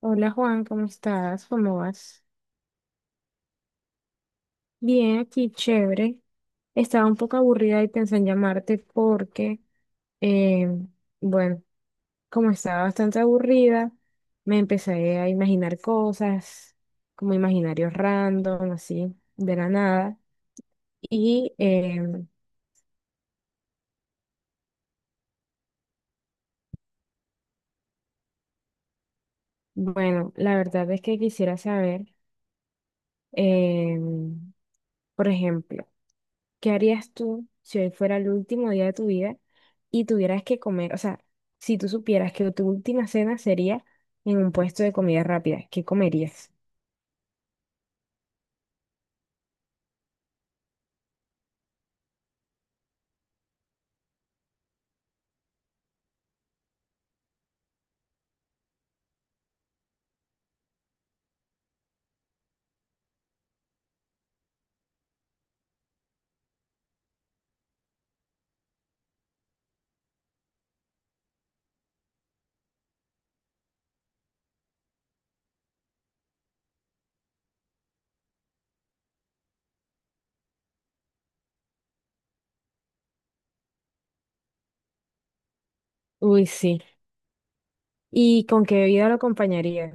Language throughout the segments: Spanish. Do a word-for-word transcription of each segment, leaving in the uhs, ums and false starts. Hola Juan, ¿cómo estás? ¿Cómo vas? Bien, aquí chévere. Estaba un poco aburrida y pensé en llamarte porque, eh, bueno, como estaba bastante aburrida, me empecé a imaginar cosas, como imaginarios random, así, de la nada. Y em, bueno, la verdad es que quisiera saber, em, por ejemplo, ¿qué harías tú si hoy fuera el último día de tu vida y tuvieras que comer? O sea, si tú supieras que tu última cena sería en un puesto de comida rápida, ¿qué comerías? Uy, sí. ¿Y con qué bebida lo acompañarías?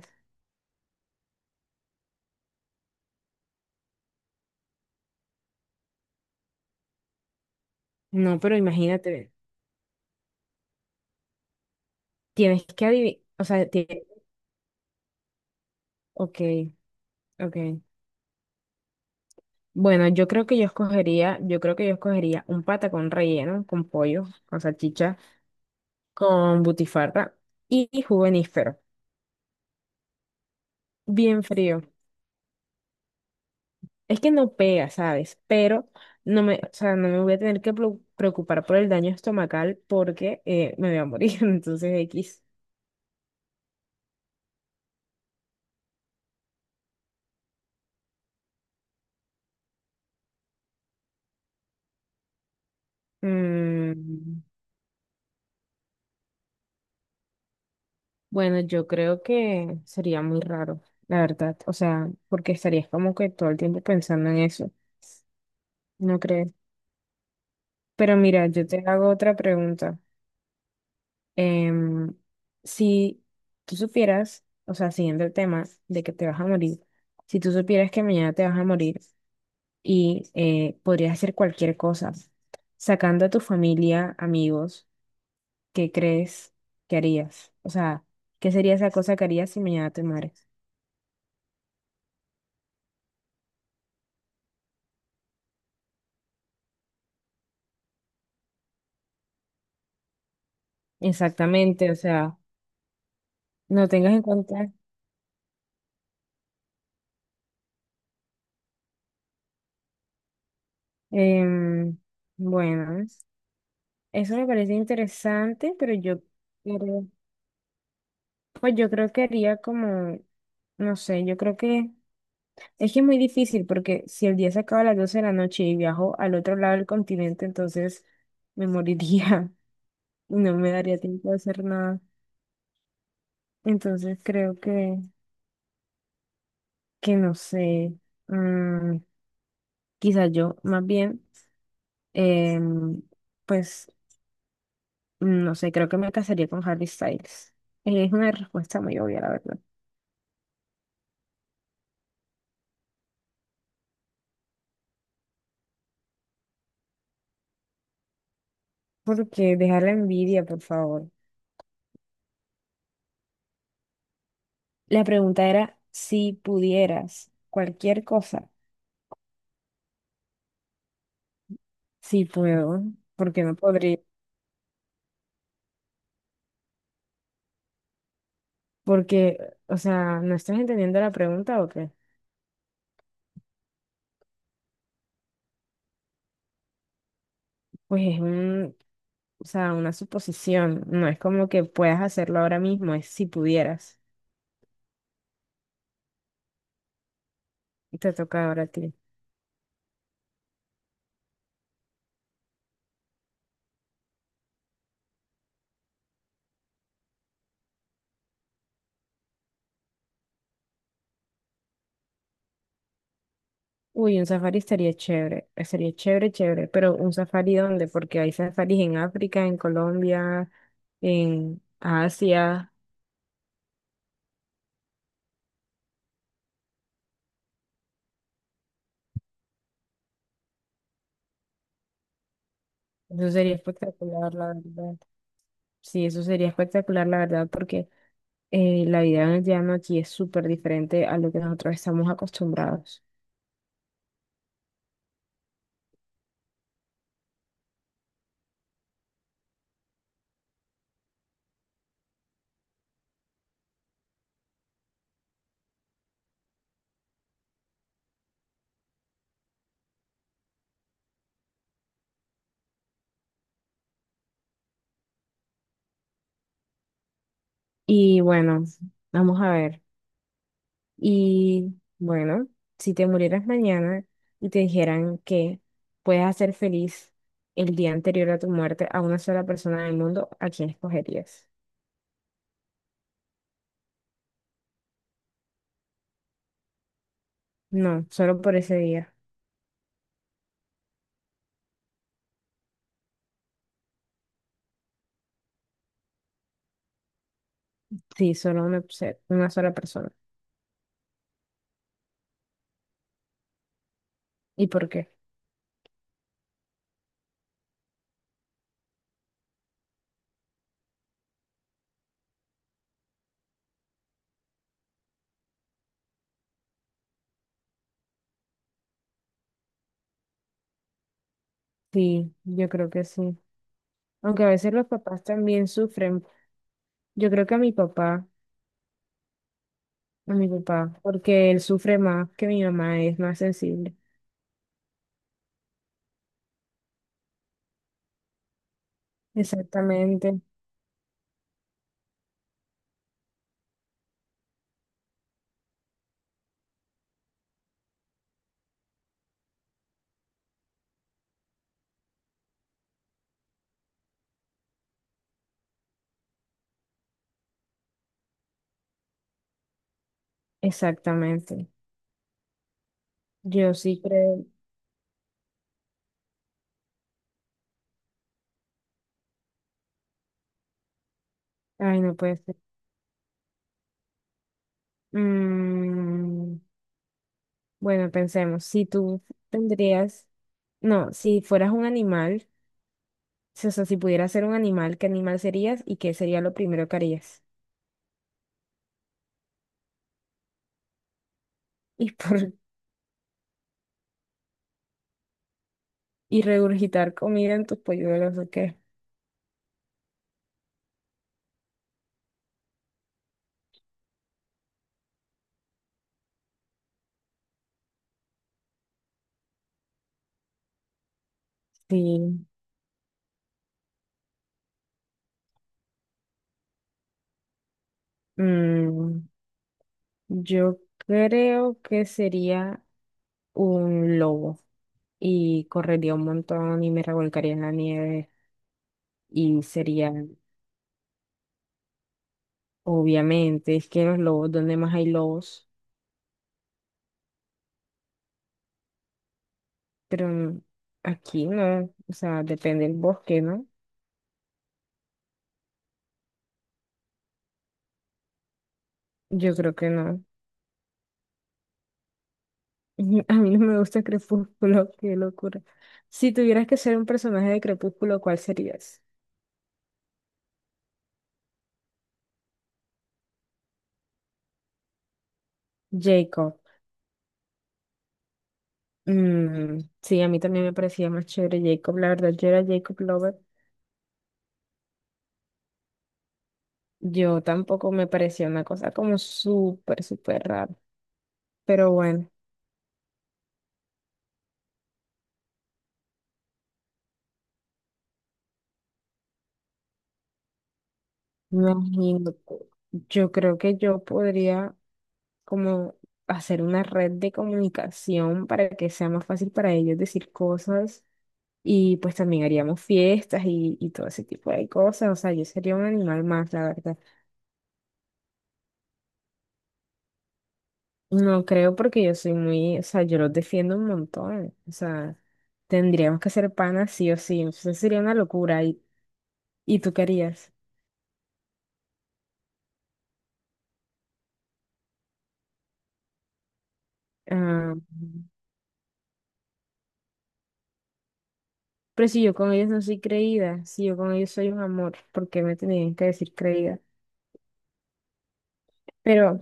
No, pero imagínate, tienes que adivinar, o sea, tie- ok, ok. Bueno, yo creo que yo escogería, yo creo que yo escogería un patacón relleno con pollo, con salchicha, con butifarra y jugo de níspero, bien frío. Es que no pega, ¿sabes? Pero no me, o sea, no me voy a tener que preo- preocupar por el daño estomacal porque eh, me voy a morir. Entonces, X. Mm, bueno, yo creo que sería muy raro, la verdad. O sea, porque estarías como que todo el tiempo pensando en eso. ¿No crees? Pero mira, yo te hago otra pregunta. Em, si tú supieras, o sea, siguiendo el tema de que te vas a morir, si tú supieras que mañana te vas a morir, y eh, podrías hacer cualquier cosa. Sacando a tu familia, amigos, ¿qué crees que harías? O sea, ¿qué sería esa cosa que harías si mañana te mueres? Exactamente, o sea, no tengas en cuenta. em, bueno, eso me parece interesante, pero yo creo, pues yo creo que haría como, no sé, yo creo que es que es muy difícil porque si el día se acaba a las doce de la noche y viajo al otro lado del continente, entonces me moriría. No me daría tiempo de hacer nada. Entonces creo que, que no sé, mm, quizás yo más bien, em, pues no sé, creo que me casaría con Harry Styles. Eh, Es una respuesta muy obvia, la verdad. Porque dejar la envidia, por favor. La pregunta era si pudieras cualquier cosa. Si puedo, porque no podría. Porque, o sea, ¿no estás entendiendo la pregunta o qué? Pues es un, O sea, una suposición. No es como que puedas hacerlo ahora mismo, es si pudieras. Te toca ahora a ti. Uy, un safari estaría chévere. Estaría chévere, chévere. Pero ¿un safari dónde? Porque hay safaris en África, en Colombia, en Asia. Eso sería espectacular, la verdad. Sí, eso sería espectacular, la verdad, porque eh, la vida en el llano aquí es súper diferente a lo que nosotros estamos acostumbrados. Y bueno, vamos a ver. Y bueno, si te murieras mañana y te dijeran que puedes hacer feliz el día anterior a tu muerte a una sola persona del mundo, ¿a quién escogerías? No, solo por ese día. Sí, solo una, se- una sola persona. ¿Y por qué? Sí, yo creo que sí. Aunque a veces los papás también sufren. Yo creo que a mi papá, a mi papá, porque él sufre más que mi mamá, es más sensible. Exactamente, exactamente. Yo sí creo. Ay, no puede ser. Mm, bueno, pensemos, si tú tendrías, no, si fueras un animal, si- o sea, si pudieras ser un animal, ¿qué animal serías y qué sería lo primero que harías? Y por y regurgitar comida en tus polluelos, ¿o qué? Sí. Mm, yo creo que sería un lobo y correría un montón y me revolcaría en la nieve y sería, obviamente, es que los lobos, ¿dónde más hay lobos? Pero mm, aquí no, o sea, depende del bosque, ¿no? Yo creo que no. A mí no me gusta Crepúsculo, qué locura. Si tuvieras que ser un personaje de Crepúsculo, ¿cuál serías? Jacob. Mm, sí, a mí también me parecía más chévere Jacob. La verdad, yo era Jacob Lover. Yo tampoco me parecía una cosa como súper, súper rara. Pero bueno, imagínate. Yo creo que yo podría. Como hacer una red de comunicación para que sea más fácil para ellos decir cosas y pues también haríamos fiestas y, y todo ese tipo de cosas, o sea, yo sería un animal más, la verdad. No creo porque yo soy muy, o sea, yo los defiendo un montón, o sea, tendríamos que ser panas sí o sí, eso sería una locura y, y tú querías. Ah, pero si yo con ellos no soy creída, si yo con ellos soy un amor, ¿por qué me tenían que decir creída? Pero,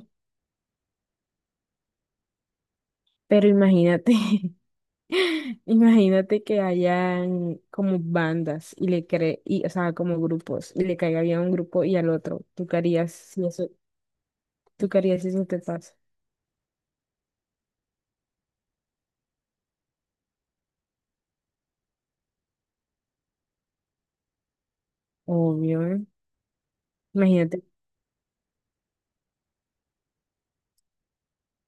pero imagínate. Imagínate que hayan como bandas y le cree, y, o sea, como grupos, y le caiga bien a un grupo y al otro. ¿Tú qué harías si eso, tú qué harías si eso te pasa? Obvio, ¿eh? Imagínate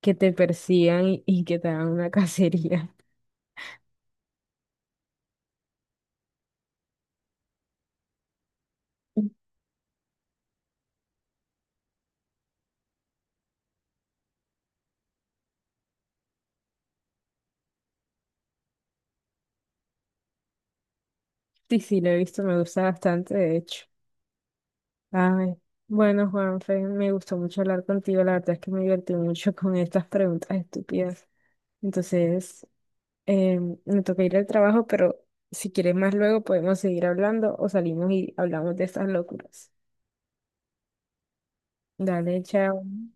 que te persigan y, y que te hagan una cacería. Sí, sí, lo he visto, me gusta bastante, de hecho. Ay, bueno, Juanfe, me gustó mucho hablar contigo, la verdad es que me divertí mucho con estas preguntas estúpidas. Entonces, Em, me toca ir al trabajo, pero si quieres más luego podemos seguir hablando o salimos y hablamos de estas locuras. Dale, chao.